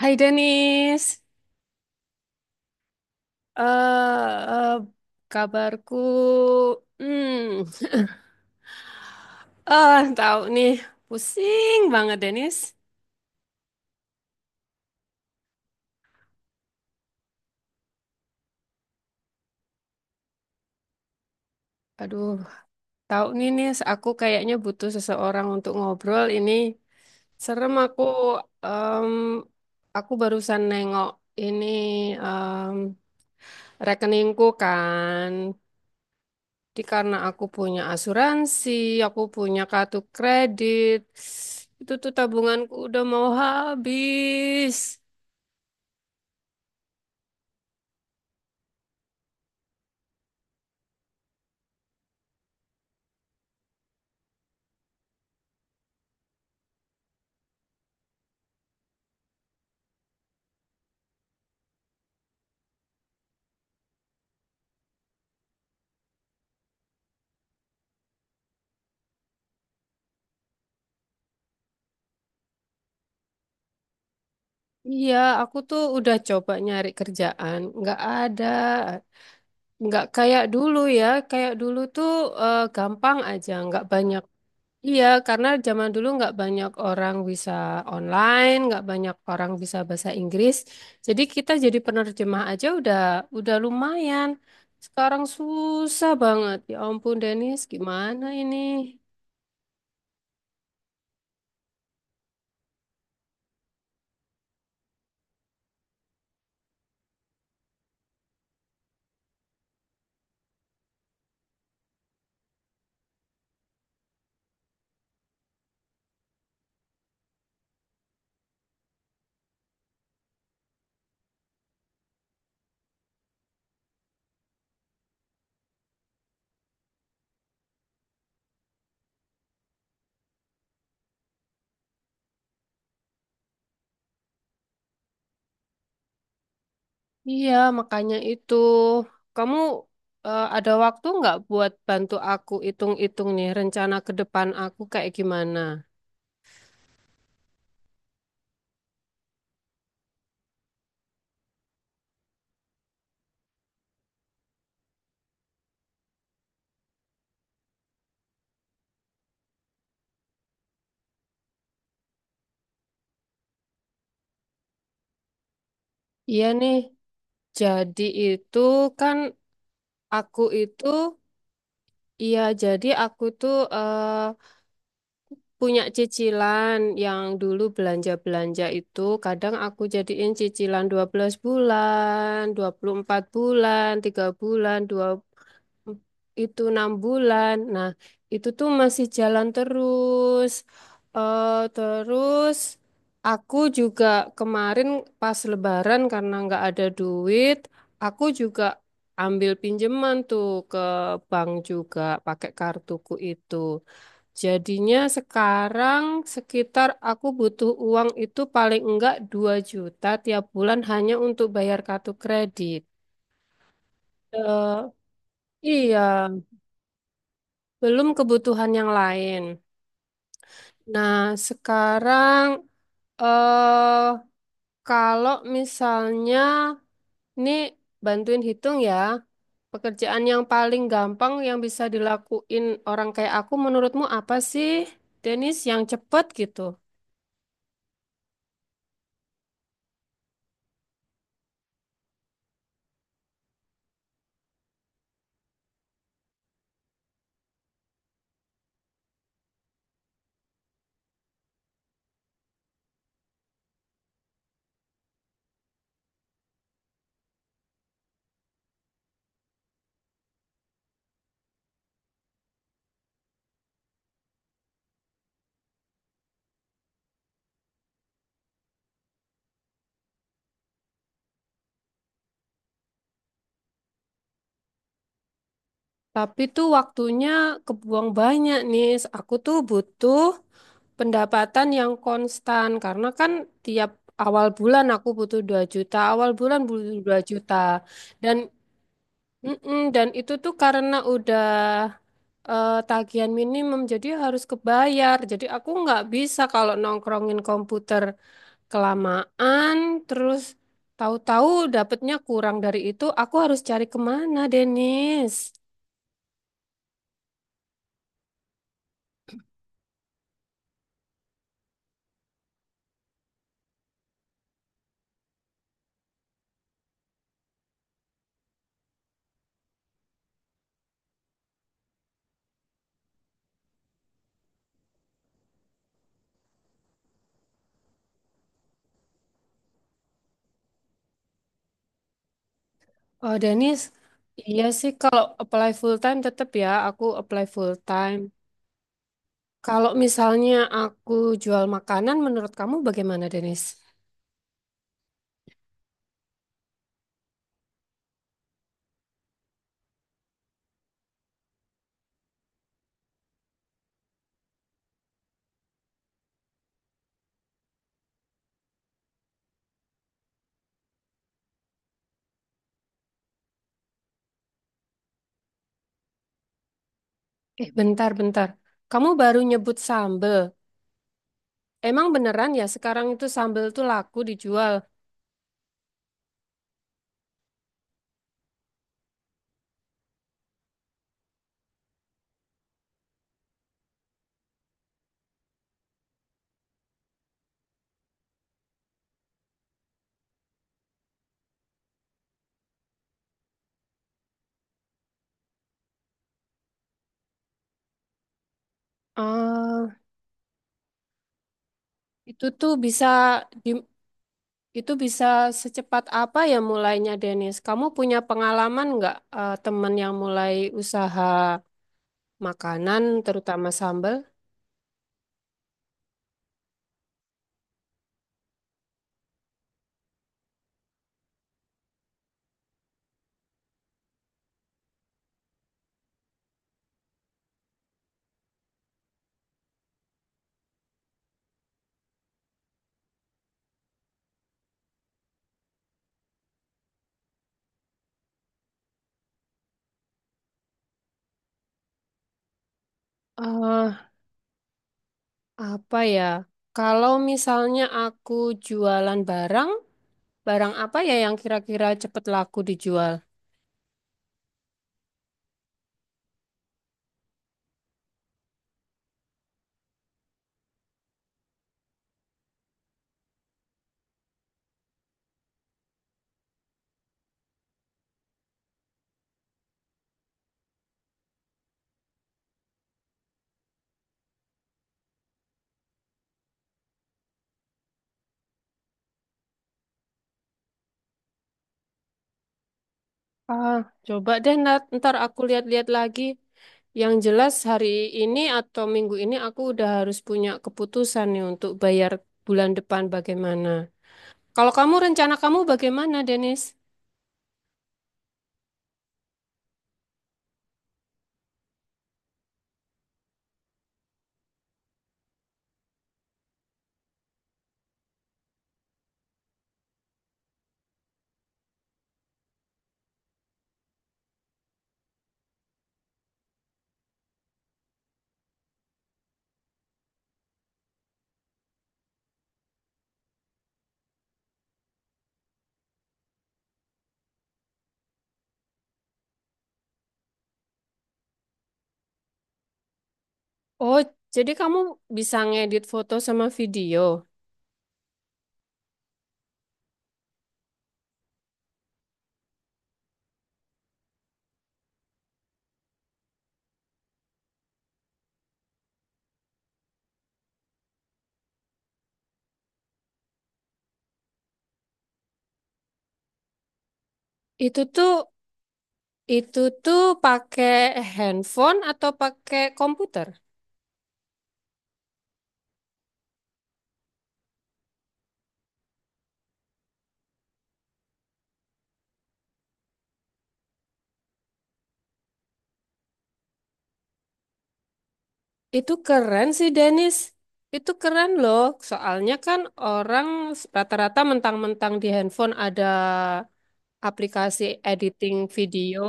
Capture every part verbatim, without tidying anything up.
Hai Denis, eh eh, kabarku, hmm, ah tahu nih, pusing banget Denis. Aduh, tahu nih Nis, aku kayaknya butuh seseorang untuk ngobrol ini. Serem aku, em, aku barusan nengok ini em, rekeningku kan. Jadi karena aku punya asuransi, aku punya kartu kredit, itu tuh tabunganku udah mau habis. Iya, aku tuh udah coba nyari kerjaan, nggak ada, nggak kayak dulu ya, kayak dulu tuh eh, gampang aja, nggak banyak. Iya, karena zaman dulu nggak banyak orang bisa online, nggak banyak orang bisa bahasa Inggris. Jadi kita jadi penerjemah aja udah udah lumayan. Sekarang susah banget. Ya ampun, Denis, gimana ini? Iya, makanya itu. Kamu eh, ada waktu nggak buat bantu aku hitung-hitung nih rencana ke depan aku kayak gimana? Iya nih, jadi itu kan aku itu, iya jadi aku itu punya cicilan yang dulu belanja-belanja itu kadang aku jadiin cicilan dua belas bulan, dua puluh empat bulan, tiga bulan, dua itu enam bulan. Nah, itu tuh masih jalan terus. Eh terus aku juga kemarin pas lebaran karena nggak ada duit, aku juga ambil pinjaman tuh ke bank juga pakai kartuku itu. Jadinya sekarang sekitar aku butuh uang itu paling enggak dua juta tiap bulan hanya untuk bayar kartu kredit. Eh, iya, belum kebutuhan yang lain. Nah, sekarang eh kalau misalnya ini bantuin hitung ya, pekerjaan yang paling gampang yang bisa dilakuin orang kayak aku menurutmu apa sih, Denis, yang cepet gitu? Tapi tuh waktunya kebuang banyak nih. Aku tuh butuh pendapatan yang konstan karena kan tiap awal bulan aku butuh dua juta, awal bulan butuh dua juta. Dan mm-mm, dan itu tuh karena udah eh, tagihan minimum jadi harus kebayar. Jadi aku nggak bisa kalau nongkrongin komputer kelamaan terus tahu-tahu dapetnya kurang dari itu, aku harus cari kemana, Denis? Oh, Dennis, iya sih kalau apply full time tetap ya aku apply full time. Kalau misalnya aku jual makanan, menurut kamu bagaimana, Denis? Eh, bentar, bentar. Kamu baru nyebut sambel. Emang beneran ya sekarang itu sambel tuh laku dijual? Ah, itu tuh bisa di, itu bisa secepat apa ya mulainya, Denis? Kamu punya pengalaman nggak eh, teman yang mulai usaha makanan, terutama sambel? Apa ya? Kalau misalnya aku jualan barang, barang apa ya yang kira-kira cepet laku dijual? Ah, coba deh nat, ntar aku lihat-lihat lagi. Yang jelas hari ini atau minggu ini aku udah harus punya keputusan nih untuk bayar bulan depan bagaimana. Kalau kamu rencana kamu bagaimana, Denis? Oh, jadi kamu bisa ngedit foto sama video. Itu tuh itu tuh pakai handphone atau pakai komputer? Itu keren sih Dennis. Itu keren loh. Soalnya kan orang rata-rata mentang-mentang di handphone ada aplikasi editing video.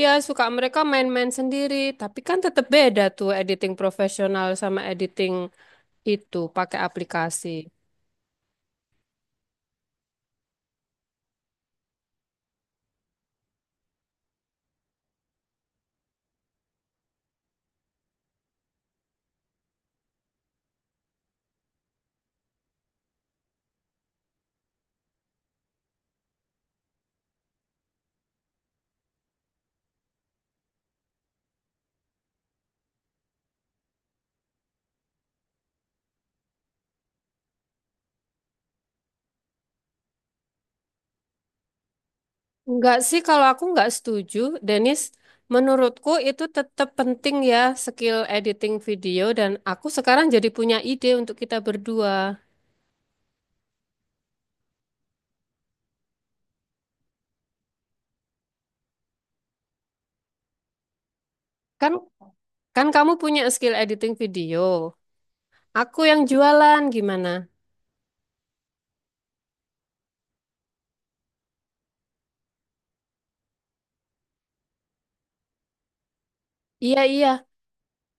Ya, suka mereka main-main sendiri. Tapi kan tetap beda tuh editing profesional sama editing itu pakai aplikasi. Enggak sih kalau aku enggak setuju, Dennis. Menurutku itu tetap penting ya skill editing video dan aku sekarang jadi punya ide untuk kita berdua. Kan Kan kamu punya skill editing video. Aku yang jualan gimana? Iya, iya.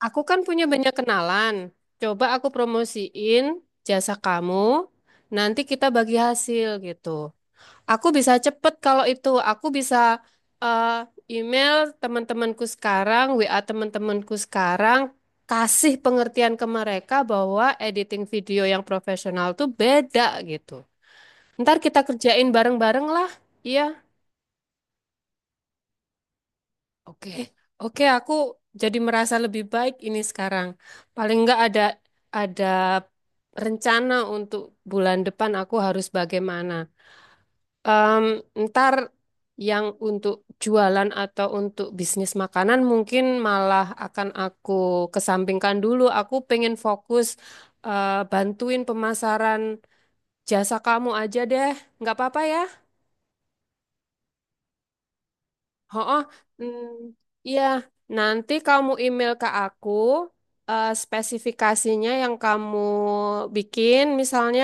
Aku kan punya banyak kenalan. Coba aku promosiin jasa kamu. Nanti kita bagi hasil gitu. Aku bisa cepet kalau itu. Aku bisa eh, email teman-temanku sekarang, W A teman-temanku sekarang. Kasih pengertian ke mereka bahwa editing video yang profesional tuh beda gitu. Ntar kita kerjain bareng-bareng lah. Iya. Oke, Oke, aku jadi merasa lebih baik ini sekarang. Paling nggak ada ada rencana untuk bulan depan aku harus bagaimana. Em, ntar yang untuk jualan atau untuk bisnis makanan mungkin malah akan aku kesampingkan dulu. Aku pengen fokus eh, bantuin pemasaran jasa kamu aja deh. Nggak apa-apa ya? Oh, iya. Nanti kamu email ke aku eh, spesifikasinya yang kamu bikin. Misalnya,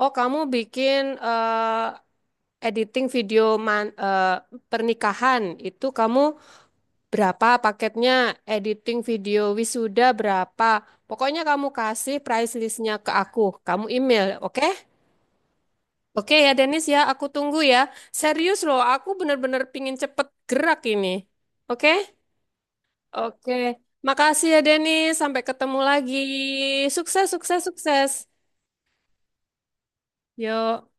oh kamu bikin eh, editing video man- eh, pernikahan itu kamu berapa paketnya? Editing video wisuda berapa? Pokoknya kamu kasih price listnya ke aku. Kamu email, oke? Oke ya Denis ya, aku tunggu ya. Serius loh, aku bener-bener pingin cepet gerak ini. Oke? Oke, makasih ya Denny. Sampai ketemu lagi. Sukses, sukses, sukses. Yuk.